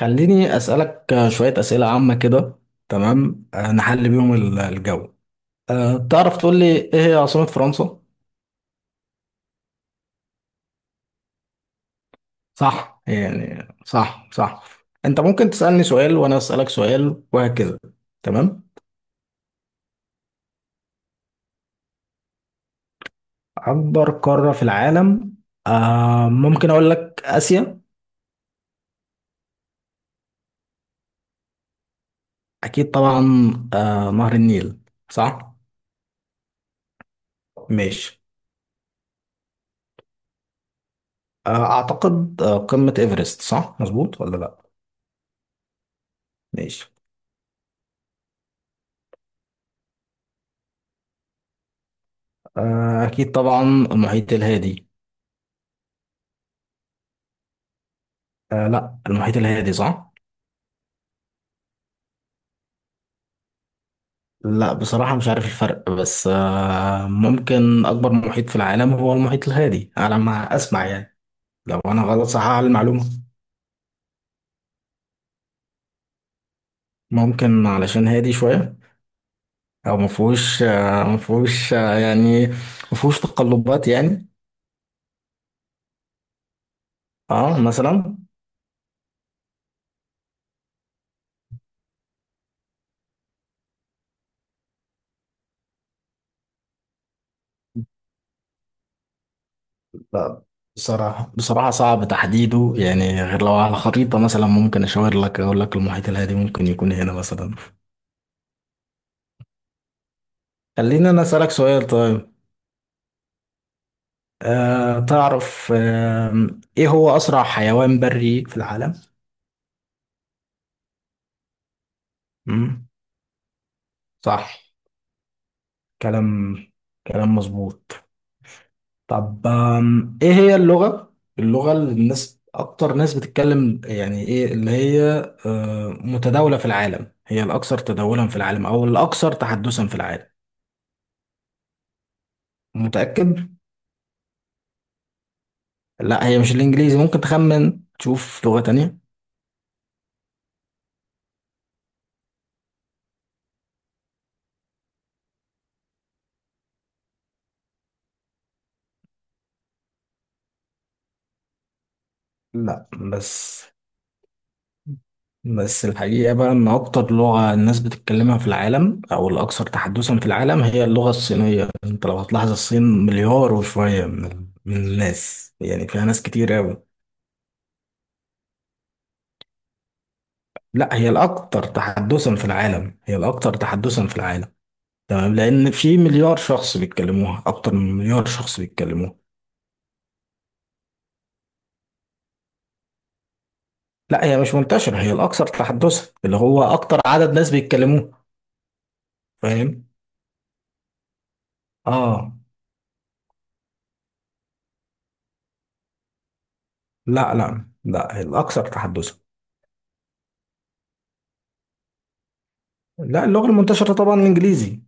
خليني أسألك شوية أسئلة عامة كده. تمام نحل بيهم الجو. أه، تعرف تقول لي إيه هي عاصمة فرنسا؟ صح، يعني صح صح. أنت ممكن تسألني سؤال وأنا أسألك سؤال وهكذا. تمام. أكبر قارة في العالم؟ أه، ممكن أقول لك آسيا. أكيد طبعا. أه، نهر النيل. صح. ماشي. أه أعتقد قمة إيفرست، صح؟ مظبوط ولا لأ؟ ماشي. أكيد طبعا، المحيط الهادي. آه لا، المحيط الهادي صح؟ لا بصراحة مش عارف الفرق، بس آه ممكن أكبر محيط في العالم هو المحيط الهادي على ما أسمع يعني. لو أنا غلط صحح على المعلومة. ممكن علشان هادي شوية. أو مفهوش آه، مفهوش آه يعني، مفهوش تقلبات يعني. اه مثلا. لا بصراحة، بصراحة صعب تحديده يعني، غير لو على خريطة مثلا ممكن أشاور لك أقول لك المحيط الهادي ممكن يكون هنا مثلا. خليني أنا أسألك سؤال طيب. أه تعرف أه، ايه هو اسرع حيوان بري في العالم؟ مم. صح. كلام، كلام مظبوط. طب ايه هي اللغة، اللغة اللي الناس اكتر ناس بتتكلم يعني، ايه اللي هي متداولة في العالم، هي الاكثر تداولا في العالم او الاكثر تحدثا في العالم؟ متأكد؟ لا هي مش الانجليزي، ممكن تخمن تشوف لغة تانية. لا بس، بس الحقيقة بقى إن أكتر لغة الناس بتتكلمها في العالم أو الأكثر تحدثا في العالم هي اللغة الصينية. أنت لو هتلاحظ، الصين مليار وشوية من الناس يعني، فيها ناس كتير أوي. لا هي الأكثر تحدثا في العالم، هي الأكثر تحدثا في العالم. تمام، لأن في مليار شخص بيتكلموها، أكتر من مليار شخص بيتكلموها. لا هي مش منتشرة، هي الأكثر تحدثا اللي هو أكتر عدد ناس بيتكلموها. فاهم؟ آه. لا لا لا، هي الأكثر تحدثا. لا، اللغة المنتشرة طبعا الإنجليزي.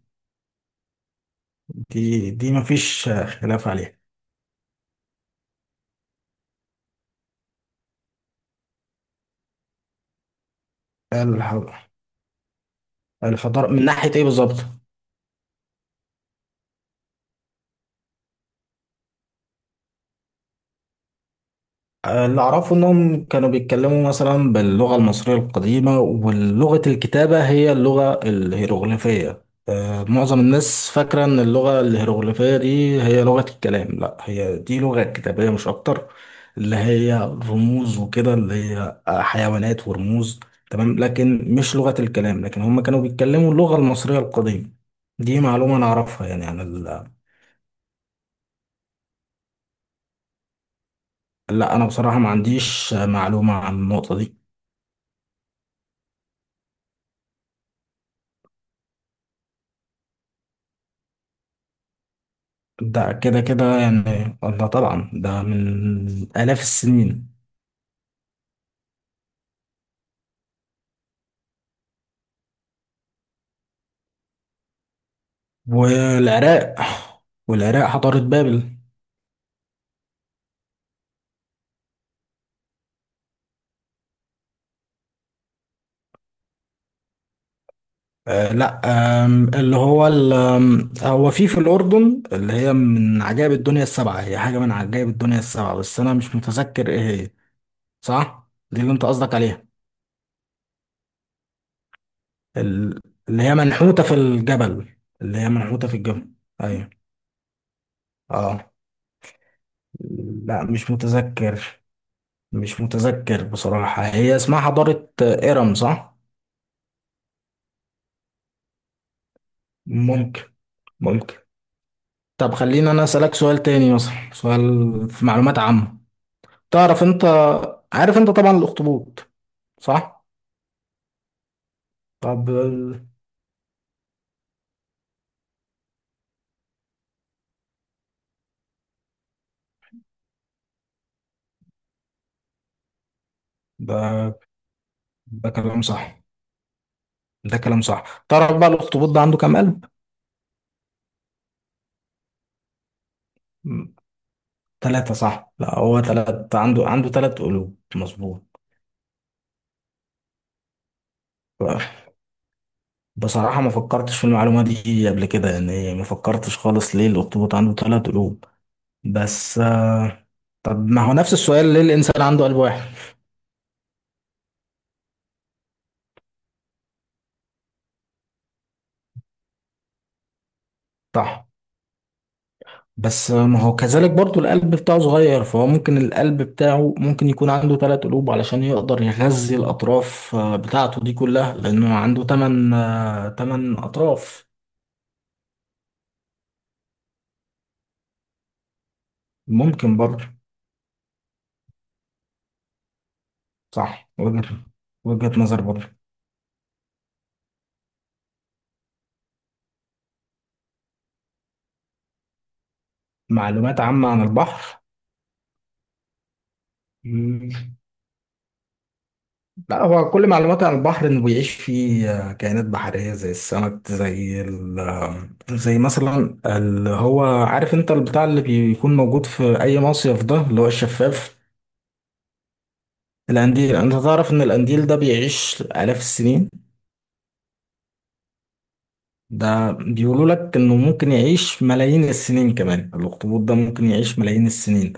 دي مفيش خلاف عليها. الح- الحضارة من ناحية ايه بالظبط؟ اللي أعرفه إنهم كانوا بيتكلموا مثلا باللغة المصرية القديمة، ولغة الكتابة هي اللغة الهيروغليفية. معظم الناس فاكرة إن اللغة الهيروغليفية دي هي لغة الكلام، لا هي دي لغة كتابية مش أكتر، اللي هي رموز وكده، اللي هي حيوانات ورموز. تمام، لكن مش لغة الكلام، لكن هم كانوا بيتكلموا اللغة المصرية القديمة. دي معلومة أنا أعرفها يعني عن... لا انا بصراحه ما عنديش معلومه عن النقطه دي. ده كده كده يعني، ده طبعا ده من الاف السنين. والعراق، والعراق حضاره بابل. آه لا، اللي هو هو في في الاردن، اللي هي من عجائب الدنيا السبعه، هي حاجه من عجائب الدنيا السبعه بس انا مش متذكر ايه هي. صح، دي اللي انت قصدك عليها. ال- اللي هي منحوته في الجبل، اللي هي منحوته في الجبل. ايوه. اه. لا مش متذكر، مش متذكر بصراحة. هي اسمها حضارة إرم صح؟ ممكن، ممكن. طب خليني أنا أسألك سؤال تاني مثلا، سؤال في معلومات عامة. تعرف أنت، عارف أنت طبعا الأخطبوط صح؟ طب ال- ده ده كلام صح، ده كلام صح. تعرف بقى الأخطبوط ده عنده كام قلب؟ مم. تلاتة صح، لا هو تلات، عنده، عنده تلات قلوب مظبوط. بصراحة ما فكرتش في المعلومة دي قبل كده يعني، ما فكرتش خالص ليه الأخطبوط عنده تلات قلوب. بس طب ما هو نفس السؤال، ليه الإنسان عنده قلب واحد؟ صح، بس ما هو كذلك برضو القلب بتاعه صغير، فهو ممكن القلب بتاعه ممكن يكون عنده ثلاث قلوب علشان يقدر يغذي الأطراف بتاعته دي كلها، لأنه عنده ثمان، ثمان أطراف. ممكن برضو. صح، وجهة، وجهة نظر برضو. معلومات عامة عن البحر. مم. لا هو كل معلوماتي عن البحر انه بيعيش فيه كائنات بحريه زي السمك، زي ال آه، زي مثلا اللي هو عارف انت البتاع اللي بيكون موجود في اي مصيف ده، اللي هو الشفاف. القنديل. انت تعرف ان القنديل ده بيعيش الاف السنين؟ ده بيقولوا لك انه ممكن يعيش ملايين السنين كمان. الاخطبوط ده ممكن يعيش ملايين السنين.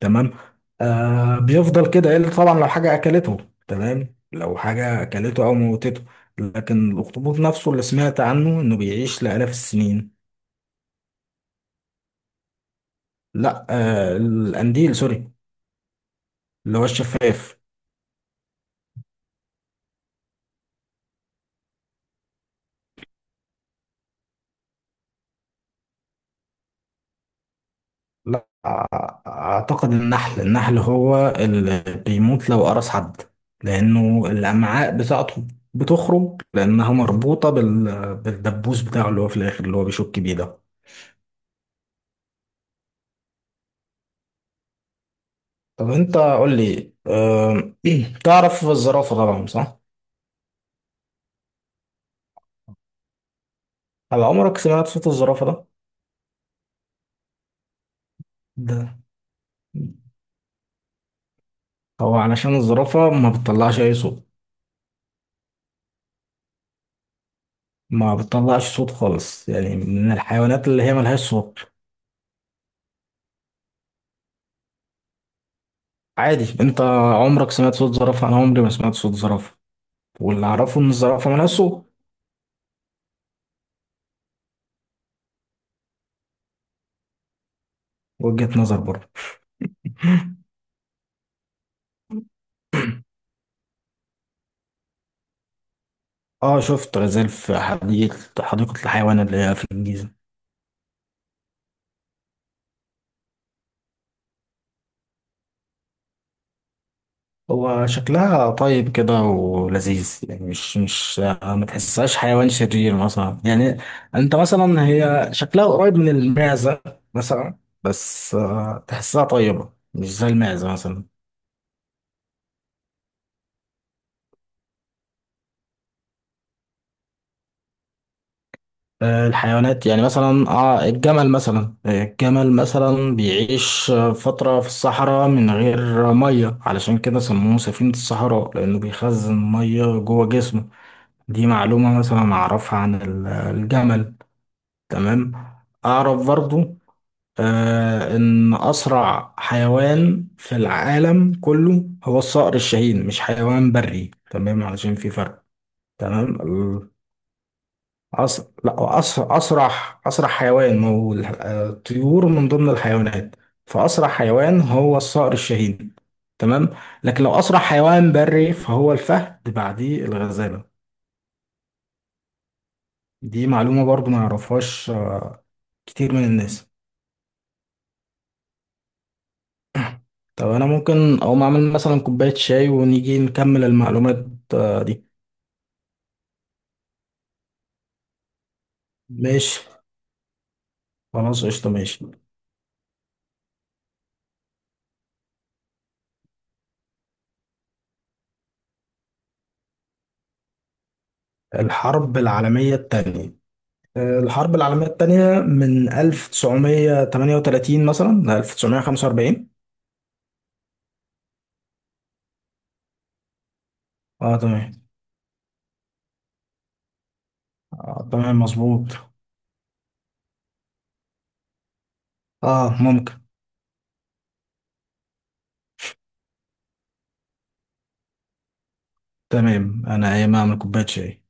تمام. آه بيفضل كده الا طبعا لو حاجه اكلته. تمام، لو حاجه اكلته او موتته. لكن الاخطبوط نفسه اللي سمعت عنه انه بيعيش لالاف السنين. لا آه الانديل، سوري، اللي هو الشفاف. لا أعتقد النحل، النحل هو اللي بيموت لو قرص حد، لأنه الأمعاء بتاعته بتخرج، لأنها مربوطة بالدبوس بتاعه اللي هو في الآخر، اللي هو بيشك بيه ده. طب أنت قول لي أه... تعرف الزرافة طبعا صح؟ هل عمرك سمعت صوت الزرافة ده؟ ده هو علشان الزرافة ما بتطلعش أي صوت، ما بتطلعش صوت خالص يعني، من الحيوانات اللي هي ملهاش صوت. عادي أنت، عمرك سمعت صوت زرافة؟ أنا عمري ما سمعت صوت زرافة، واللي اعرفه ان الزرافه مالهاش صوت. وجهة نظر برضه. اه شفت غزال في حديقة، حديقة الحيوان اللي هي في الجيزة. هو شكلها طيب كده ولذيذ يعني، مش مش ما تحسهاش حيوان شرير مثلا يعني. انت مثلا هي شكلها قريب من المعزة مثلا، بس تحسها طيبة مش زي المعزة مثلا. الحيوانات يعني مثلا، اه الجمل مثلا، الجمل مثلا بيعيش فترة في الصحراء من غير مية، علشان كده سموه سفينة الصحراء، لأنه بيخزن مية جوه جسمه. دي معلومة مثلا أعرفها عن الجمل. تمام. أعرف برضو آه إن أسرع حيوان في العالم كله هو الصقر الشاهين، مش حيوان بري تمام، علشان في فرق. تمام. أس... لا أس... أسرع أسرع حيوان، ما هو الطيور من ضمن الحيوانات، فأسرع حيوان هو الصقر الشاهين. تمام. لكن لو أسرع حيوان بري فهو الفهد، بعديه الغزالة. دي معلومة برضو ما يعرفهاش كتير من الناس. طب أنا ممكن أقوم أعمل مثلا كوباية شاي ونيجي نكمل المعلومات دي. ماشي، خلاص قشطة ماشي. الحرب العالمية التانية، الحرب العالمية التانية من 1938 مثلا ل 1945. اه تمام، آه تمام مظبوط. اه ممكن. تمام انا ايه ما اعمل كوباية شاي